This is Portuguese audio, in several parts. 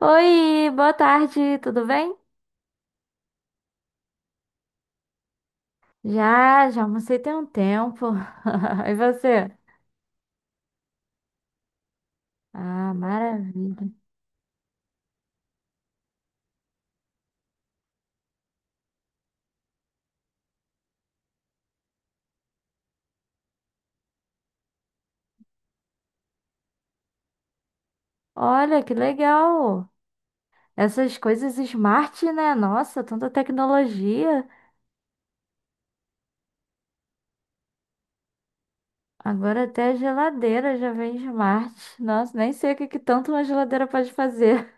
Oi, boa tarde, tudo bem? Já almocei tem um tempo. E você? Ah, maravilha. Olha, que legal. Essas coisas smart, né? Nossa, tanta tecnologia. Agora até a geladeira já vem smart. Nossa, nem sei o que que tanto uma geladeira pode fazer.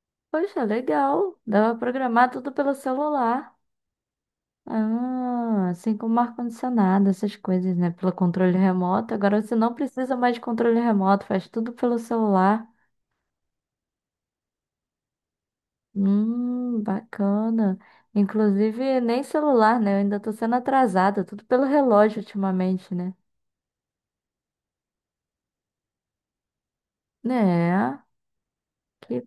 Poxa, legal. Dá pra programar tudo pelo celular. Ah, assim como ar-condicionado, essas coisas, né? Pelo controle remoto. Agora você não precisa mais de controle remoto, faz tudo pelo celular. Bacana. Inclusive, nem celular, né? Eu ainda tô sendo atrasada, tudo pelo relógio ultimamente, né? Né? Que...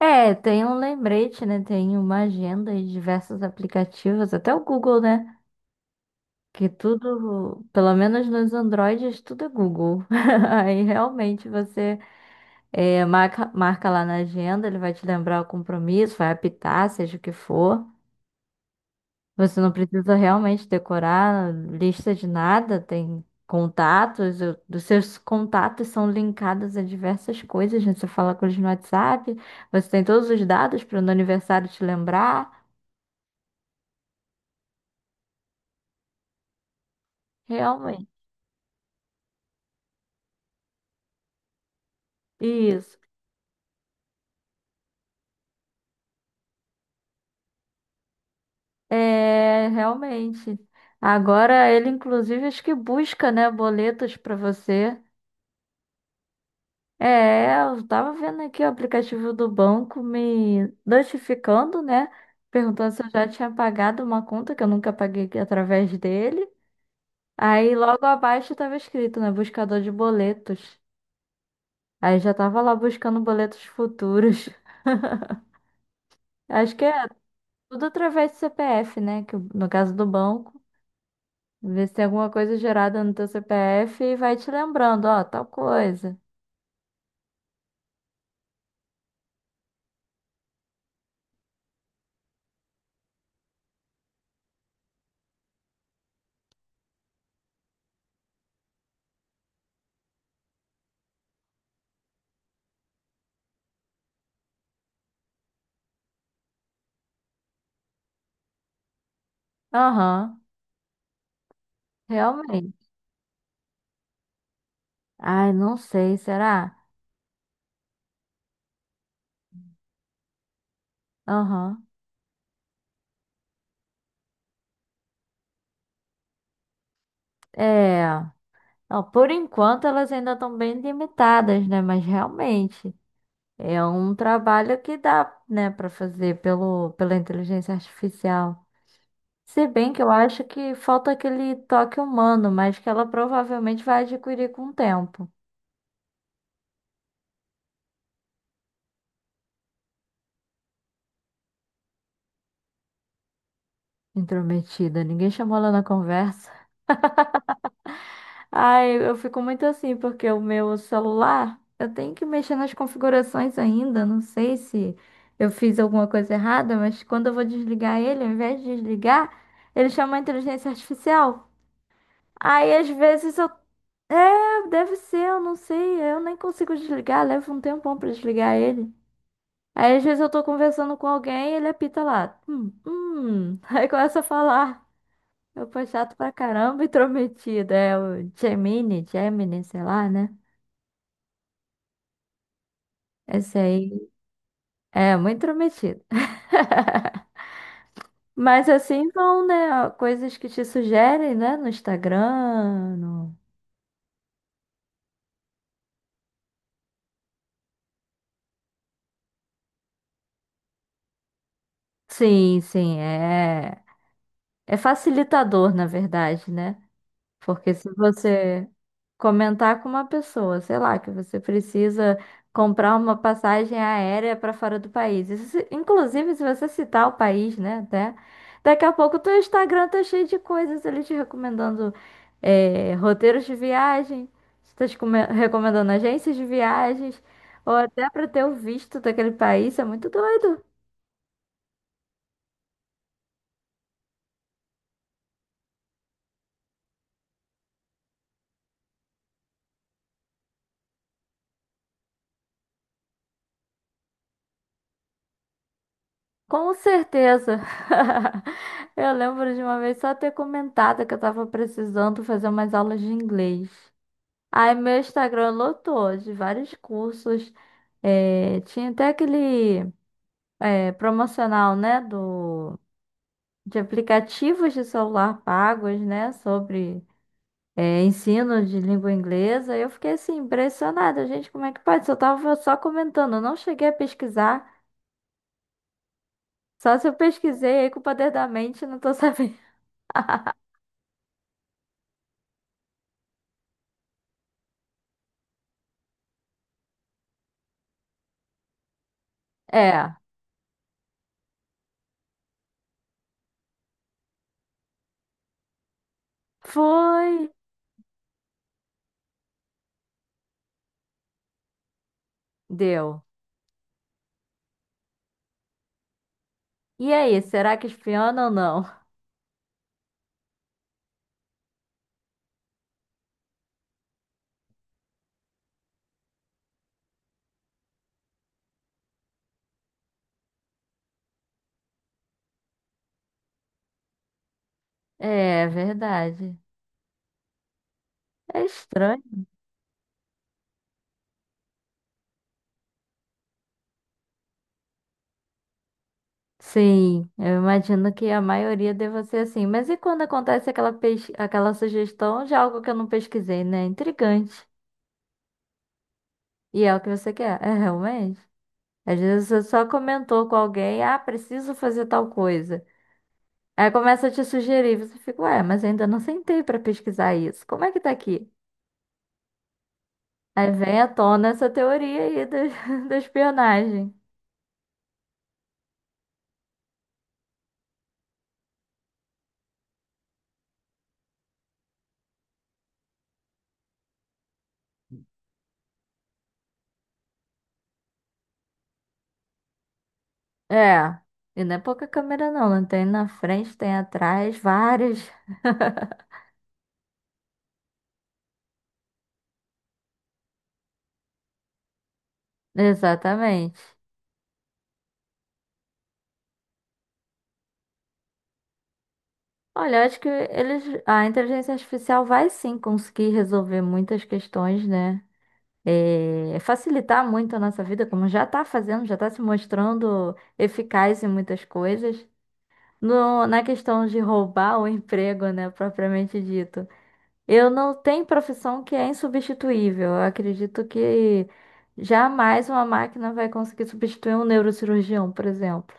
É, tem um lembrete, né? Tem uma agenda e diversos aplicativos, até o Google, né? Que tudo, pelo menos nos Androids, tudo é Google. Aí realmente você. É, marca lá na agenda, ele vai te lembrar o compromisso, vai apitar, seja o que for. Você não precisa realmente decorar lista de nada, tem contatos, os seus contatos são linkados a diversas coisas, né? Você fala com eles no WhatsApp, você tem todos os dados para no aniversário te lembrar. Realmente. Isso. É, realmente. Agora ele, inclusive, acho que busca, né, boletos para você. É, eu tava vendo aqui o aplicativo do banco me notificando, né? Perguntando se eu já tinha pagado uma conta que eu nunca paguei através dele. Aí logo abaixo tava escrito, né? Buscador de boletos. Aí já tava lá buscando boletos futuros. Acho que é tudo através do CPF, né? Que no caso do banco, vê se tem alguma coisa gerada no teu CPF e vai te lembrando, ó, tal coisa. Aham, realmente. Ai, não sei, será? Aham. É, ó, por enquanto elas ainda estão bem limitadas, né? Mas realmente é um trabalho que dá, né, para fazer pela inteligência artificial. Se bem que eu acho que falta aquele toque humano, mas que ela provavelmente vai adquirir com o tempo. Intrometida, ninguém chamou ela na conversa. Ai, eu fico muito assim, porque o meu celular, eu tenho que mexer nas configurações ainda. Não sei se eu fiz alguma coisa errada, mas quando eu vou desligar ele, ao invés de desligar, ele chama a inteligência artificial. Aí às vezes eu. É, deve ser, eu não sei. Eu nem consigo desligar, leva um tempão pra desligar ele. Aí às vezes eu tô conversando com alguém e ele apita lá. Aí começa a falar. Eu fui chato pra caramba, intrometida. É o Gemini, sei lá, né? Esse aí é muito intrometido. Mas assim vão, né? Coisas que te sugerem, né? No Instagram. Sim, sim, é. É facilitador, na verdade, né? Porque se você comentar com uma pessoa, sei lá, que você precisa comprar uma passagem aérea para fora do país. Inclusive, se você citar o país, né, até, daqui a pouco o teu Instagram tá cheio de coisas ali te recomendando roteiros de viagem, você tá recomendando agências de viagens, ou até para ter o visto daquele país, isso é muito doido. Com certeza. Eu lembro de uma vez só ter comentado que eu tava precisando fazer umas aulas de inglês. Aí meu Instagram lotou de vários cursos. É, tinha até aquele promocional, né, do, de aplicativos de celular pagos, né, sobre ensino de língua inglesa. Eu fiquei assim, impressionada. Gente, como é que pode? Eu tava só comentando, eu não cheguei a pesquisar. Só se eu pesquisei aí com o poder da mente, não tô sabendo. É, foi, deu. E aí, será que espiona ou não? É, verdade. É estranho. Sim, eu imagino que a maioria deva ser assim. Mas e quando acontece aquela, aquela sugestão de algo que eu não pesquisei, né? Intrigante. E é o que você quer? É realmente? Às vezes você só comentou com alguém, ah, preciso fazer tal coisa. Aí começa a te sugerir, você fica, ué, mas eu ainda não sentei para pesquisar isso. Como é que tá aqui? Aí vem à tona essa teoria aí da, da espionagem. É. E não é pouca câmera, não. Não tem na frente, tem atrás, várias. Exatamente. Olha, acho que eles, a inteligência artificial vai sim conseguir resolver muitas questões, né? É, facilitar muito a nossa vida, como já está fazendo, já está se mostrando eficaz em muitas coisas. Na questão de roubar o emprego, né, propriamente dito. Eu não tenho profissão que é insubstituível. Eu acredito que jamais uma máquina vai conseguir substituir um neurocirurgião, por exemplo.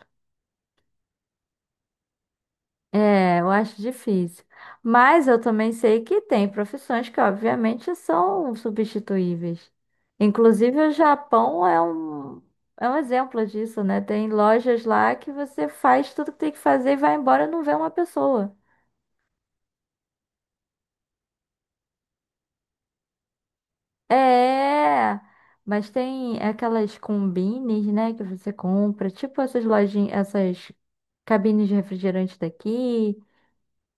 É, eu acho difícil. Mas eu também sei que tem profissões que, obviamente, são substituíveis. Inclusive, o é um exemplo disso, né? Tem lojas lá que você faz tudo que tem que fazer e vai embora e não vê uma pessoa. É, mas tem aquelas combines, né, que você compra, tipo essas lojinhas, essas cabines de refrigerante daqui.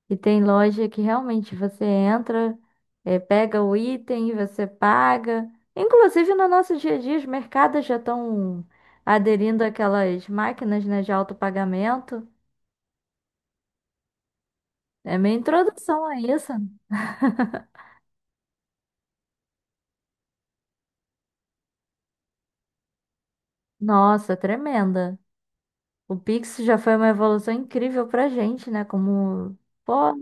E tem loja que realmente você entra, pega o item, você paga. Inclusive no nosso dia a dia, os mercados já estão aderindo àquelas máquinas, né, de autopagamento. É minha introdução a isso. Nossa, tremenda. O Pix já foi uma evolução incrível pra gente, né? Como, pô,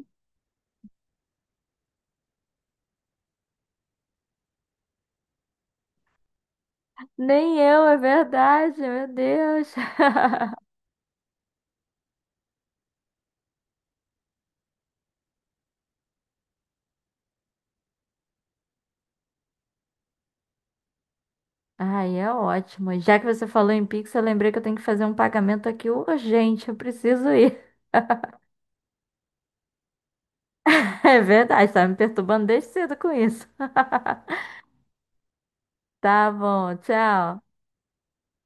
nem eu, é verdade, meu Deus. Ai, é ótimo. Já que você falou em Pix, eu lembrei que eu tenho que fazer um pagamento aqui urgente. Eu preciso ir. É verdade, tá me perturbando desde cedo com isso. Tá bom, tchau.